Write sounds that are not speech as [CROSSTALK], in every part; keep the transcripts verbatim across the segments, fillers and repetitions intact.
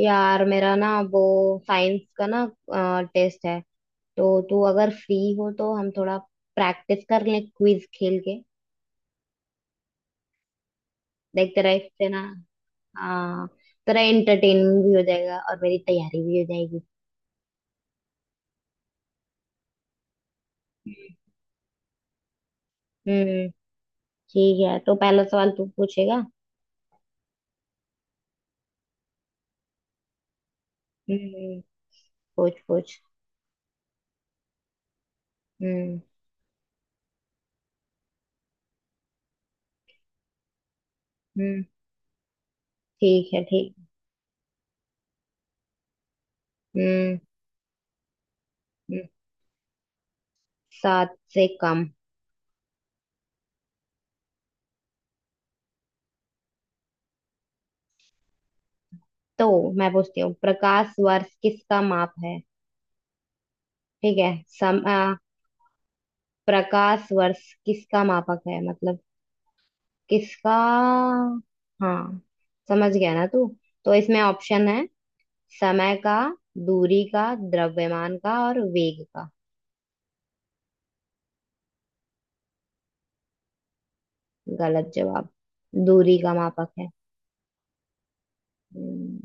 यार मेरा ना वो साइंस का ना टेस्ट है। तो तू अगर फ्री हो तो हम थोड़ा प्रैक्टिस कर लें क्विज खेल के। देख तेरा इससे ना। हाँ, तेरा एंटरटेनमेंट भी हो जाएगा और मेरी तैयारी भी हो जाएगी। हम्म। ठीक है, तो पहला सवाल तू पूछेगा। हम्म। पूछ पूछ। हम्म। हम्म, ठीक है ठीक। हम्म। हम्म, सात से कम। तो मैं पूछती हूँ, प्रकाश वर्ष किसका माप है? ठीक है। सम, प्रकाश वर्ष किसका मापक है मतलब, किसका? हाँ, समझ गया ना तू? तो इसमें ऑप्शन है, समय का, दूरी का, द्रव्यमान का और वेग का। गलत जवाब। दूरी का मापक है। हम्म।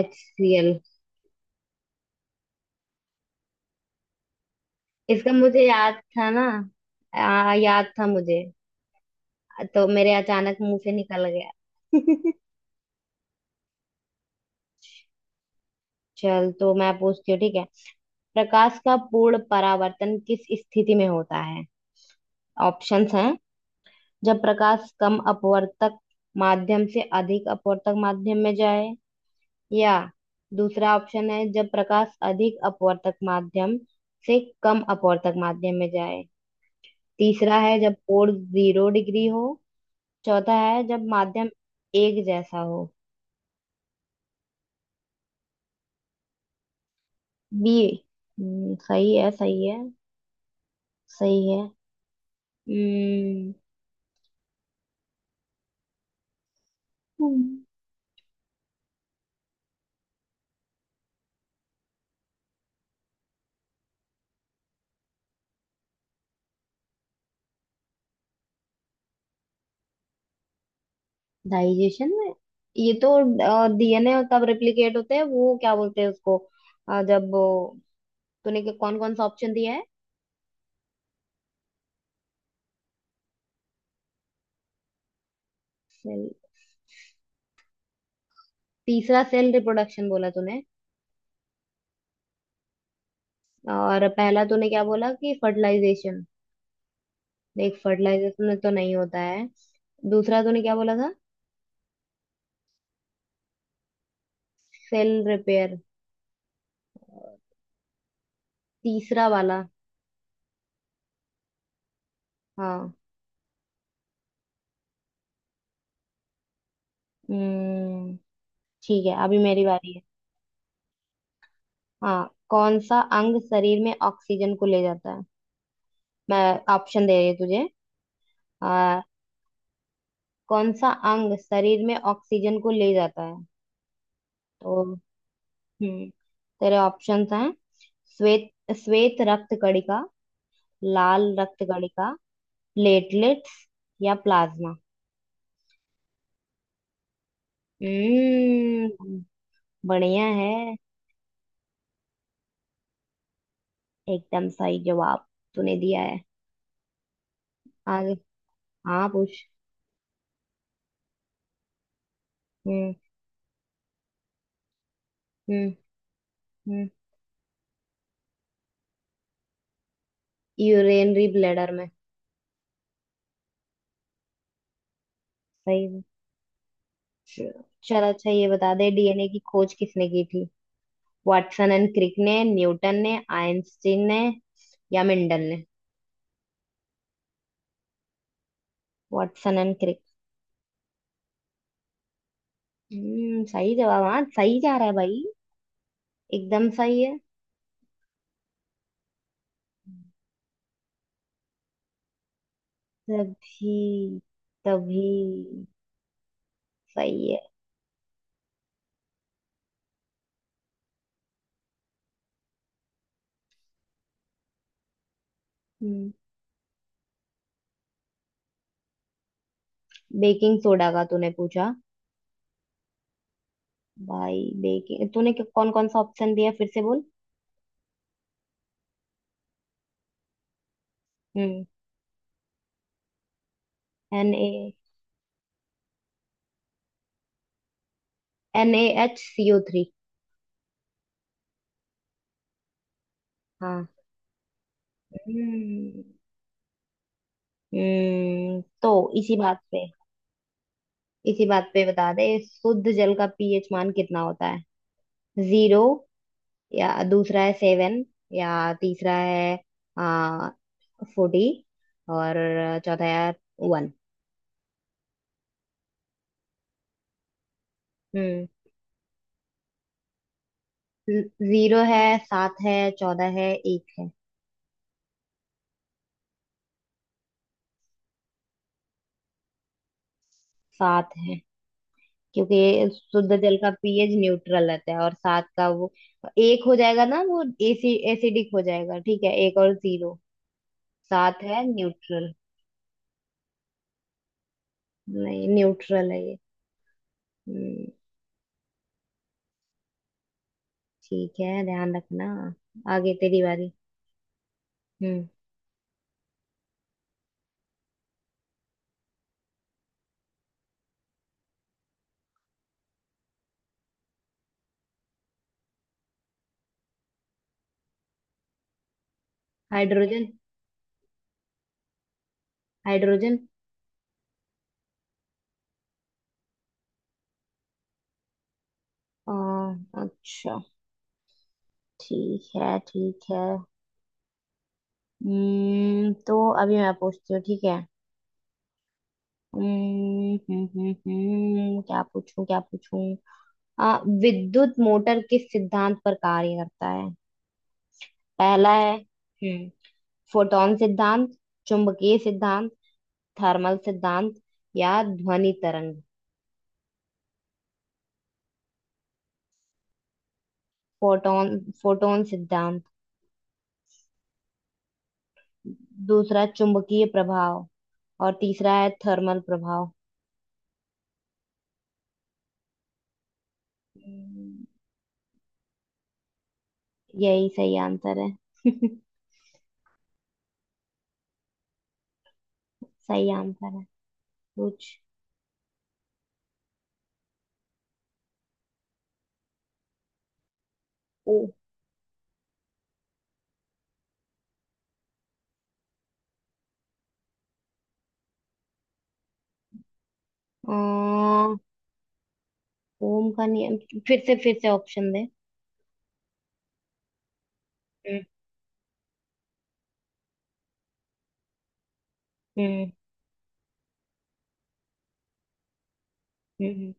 H C L. इसका मुझे याद था ना। आ, याद था मुझे। तो मेरे अचानक मुंह से निकल गया। [LAUGHS] चल, तो मैं पूछती हूँ ठीक है। प्रकाश का पूर्ण परावर्तन किस स्थिति में होता है? ऑप्शंस हैं, जब प्रकाश कम अपवर्तक माध्यम से अधिक अपवर्तक माध्यम में जाए, या दूसरा ऑप्शन है जब प्रकाश अधिक अपवर्तक माध्यम से कम अपवर्तक माध्यम में जाए, तीसरा है जब कोण जीरो डिग्री हो, चौथा है जब माध्यम एक जैसा हो। बी। हम्म, सही है सही है। सही है। हम्म। डाइजेशन में। ये तो डीएनए कब रेप्लिकेट होते हैं वो क्या बोलते हैं उसको? अ, जब वो- तूने कौन कौन सा ऑप्शन दिया है? सेल। तीसरा सेल रिप्रोडक्शन बोला तूने। और पहला तूने क्या बोला कि फर्टिलाइजेशन। देख फर्टिलाइजेशन में तो नहीं होता है। दूसरा तूने क्या बोला था? Cell repair. तीसरा वाला। हाँ। हम्म। ठीक है, अभी मेरी बारी है। हाँ, कौन सा अंग शरीर में ऑक्सीजन को ले जाता है? मैं ऑप्शन दे रही हूँ तुझे। कौन सा अंग शरीर में ऑक्सीजन को ले जाता है? तो हम्म, तेरे ऑप्शंस हैं, श्वेत, श्वेत रक्त कणिका, लाल रक्त कणिका, प्लेटलेट्स या प्लाज्मा। हम्म। बढ़िया है। एकदम सही जवाब तूने दिया है। आगे। हाँ, पूछ। हम्म। हम्म। हम्म, यूरेनरी ब्लैडर में। सही है। चल, अच्छा ये बता दे डीएनए की खोज किसने की थी? वाटसन एंड क्रिक ने, न्यूटन ने, आइंस्टीन ने या मेंडल ने? Watson and Crick. हम्म, सही जवाब। हाँ, सही जा रहा है भाई। एकदम सही है। तभी, तभी। सही है। हम्म। बेकिंग सोडा का तूने पूछा? भाई बेकिंग तूने कौन कौन सा ऑप्शन दिया फिर से बोल? हम्म। N A N A H C O three. हाँ। हम्म। हम्म, तो इसी बात पे, इसी बात पे बता दे शुद्ध जल का पीएच मान कितना होता है? जीरो, या दूसरा है सेवन, या तीसरा है आ, फोर्टी, और चौथा है वन। हम्म। जीरो है, सात है, चौदह है, एक है। सात है, क्योंकि शुद्ध जल का पीएच न्यूट्रल रहता है, और सात का वो, एक हो जाएगा ना वो, एसी एसिडिक हो जाएगा। ठीक है, एक और जीरो। सात है न्यूट्रल। नहीं, न्यूट्रल है ये। हम्म। ठीक है, ध्यान रखना। आगे तेरी बारी। हम्म। हाइड्रोजन। हाइड्रोजन। अ, अच्छा। ठीक है ठीक है। हम्म, तो अभी मैं पूछती हूँ ठीक है। हम्म हम्म हम्म हम्म, क्या पूछूं क्या पूछूं? अ, विद्युत मोटर किस सिद्धांत पर कार्य करता है? पहला है हम्म, फोटोन सिद्धांत, चुंबकीय सिद्धांत, थर्मल सिद्धांत या ध्वनि तरंग। फोटोन, फोटोन सिद्धांत। दूसरा चुंबकीय प्रभाव और तीसरा है थर्मल प्रभाव। यही सही आंसर है। [LAUGHS] सही आंसर है। पूछ। ओ। अ, ओम का नियम। फिर से फिर से ऑप्शन दे। हम्म। हम्म। हम्म,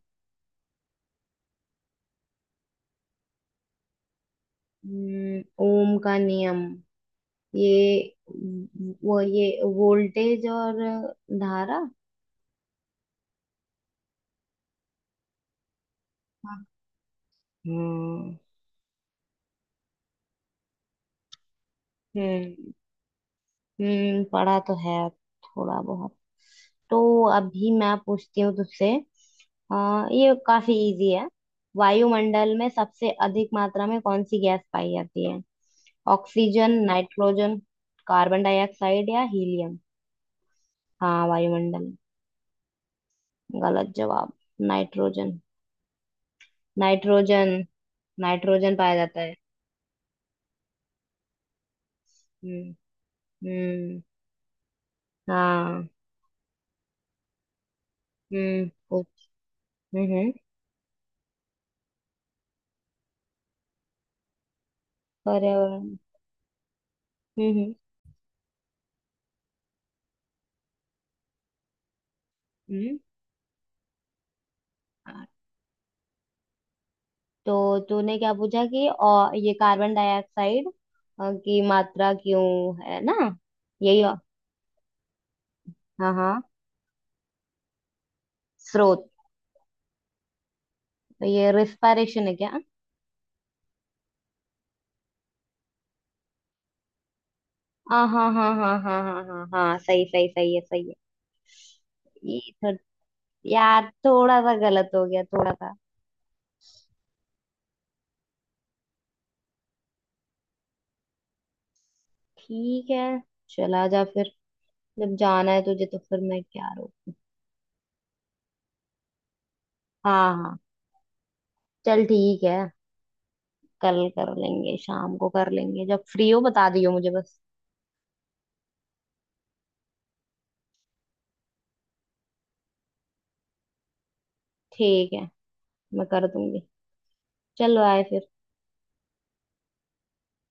हम्म, ओम का नियम, ये, वो, ये, वोल्टेज और धारा। हाँ। हम्म। हम्म, हम्म, पढ़ा तो है थोड़ा बहुत। तो अभी मैं पूछती हूँ तुझसे। अ, ये काफी इजी है। वायुमंडल में सबसे अधिक मात्रा में कौन सी गैस पाई जाती है? ऑक्सीजन, नाइट्रोजन, कार्बन डाइऑक्साइड या हीलियम? हाँ, वायुमंडल। गलत जवाब। Nitrogen, nitrogen. नाइट्रोजन पाया जाता है। हम्म। हम्म। हाँ। हम्म। ओ- हम्म। पर्यावरण। हम्म। हम्म। हम्म। तो तूने क्या पूछा कि और ये कार्बन डाइऑक्साइड अ, की मात्रा क्यों, है ना? यही। हाँ हाँ। स्रोत। ये रिस्पायरेशन है क्या? हाँ हाँ हाँ हाँ हाँ हाँ हाँ हाँ, सही सही सही है सही है। ये थोड़, यार थोड़ा सा गलत हो गया, थोड़ा सा। ठीक है, चला जा फिर। जब जाना है तुझे तो फिर मैं क्या रोकूं? हाँ हाँ। चल ठीक है। कल कर लेंगे, शाम को कर लेंगे, जब फ्री हो बता दियो मुझे बस। ठीक है, मैं कर दूंगी। चलो, आए फिर।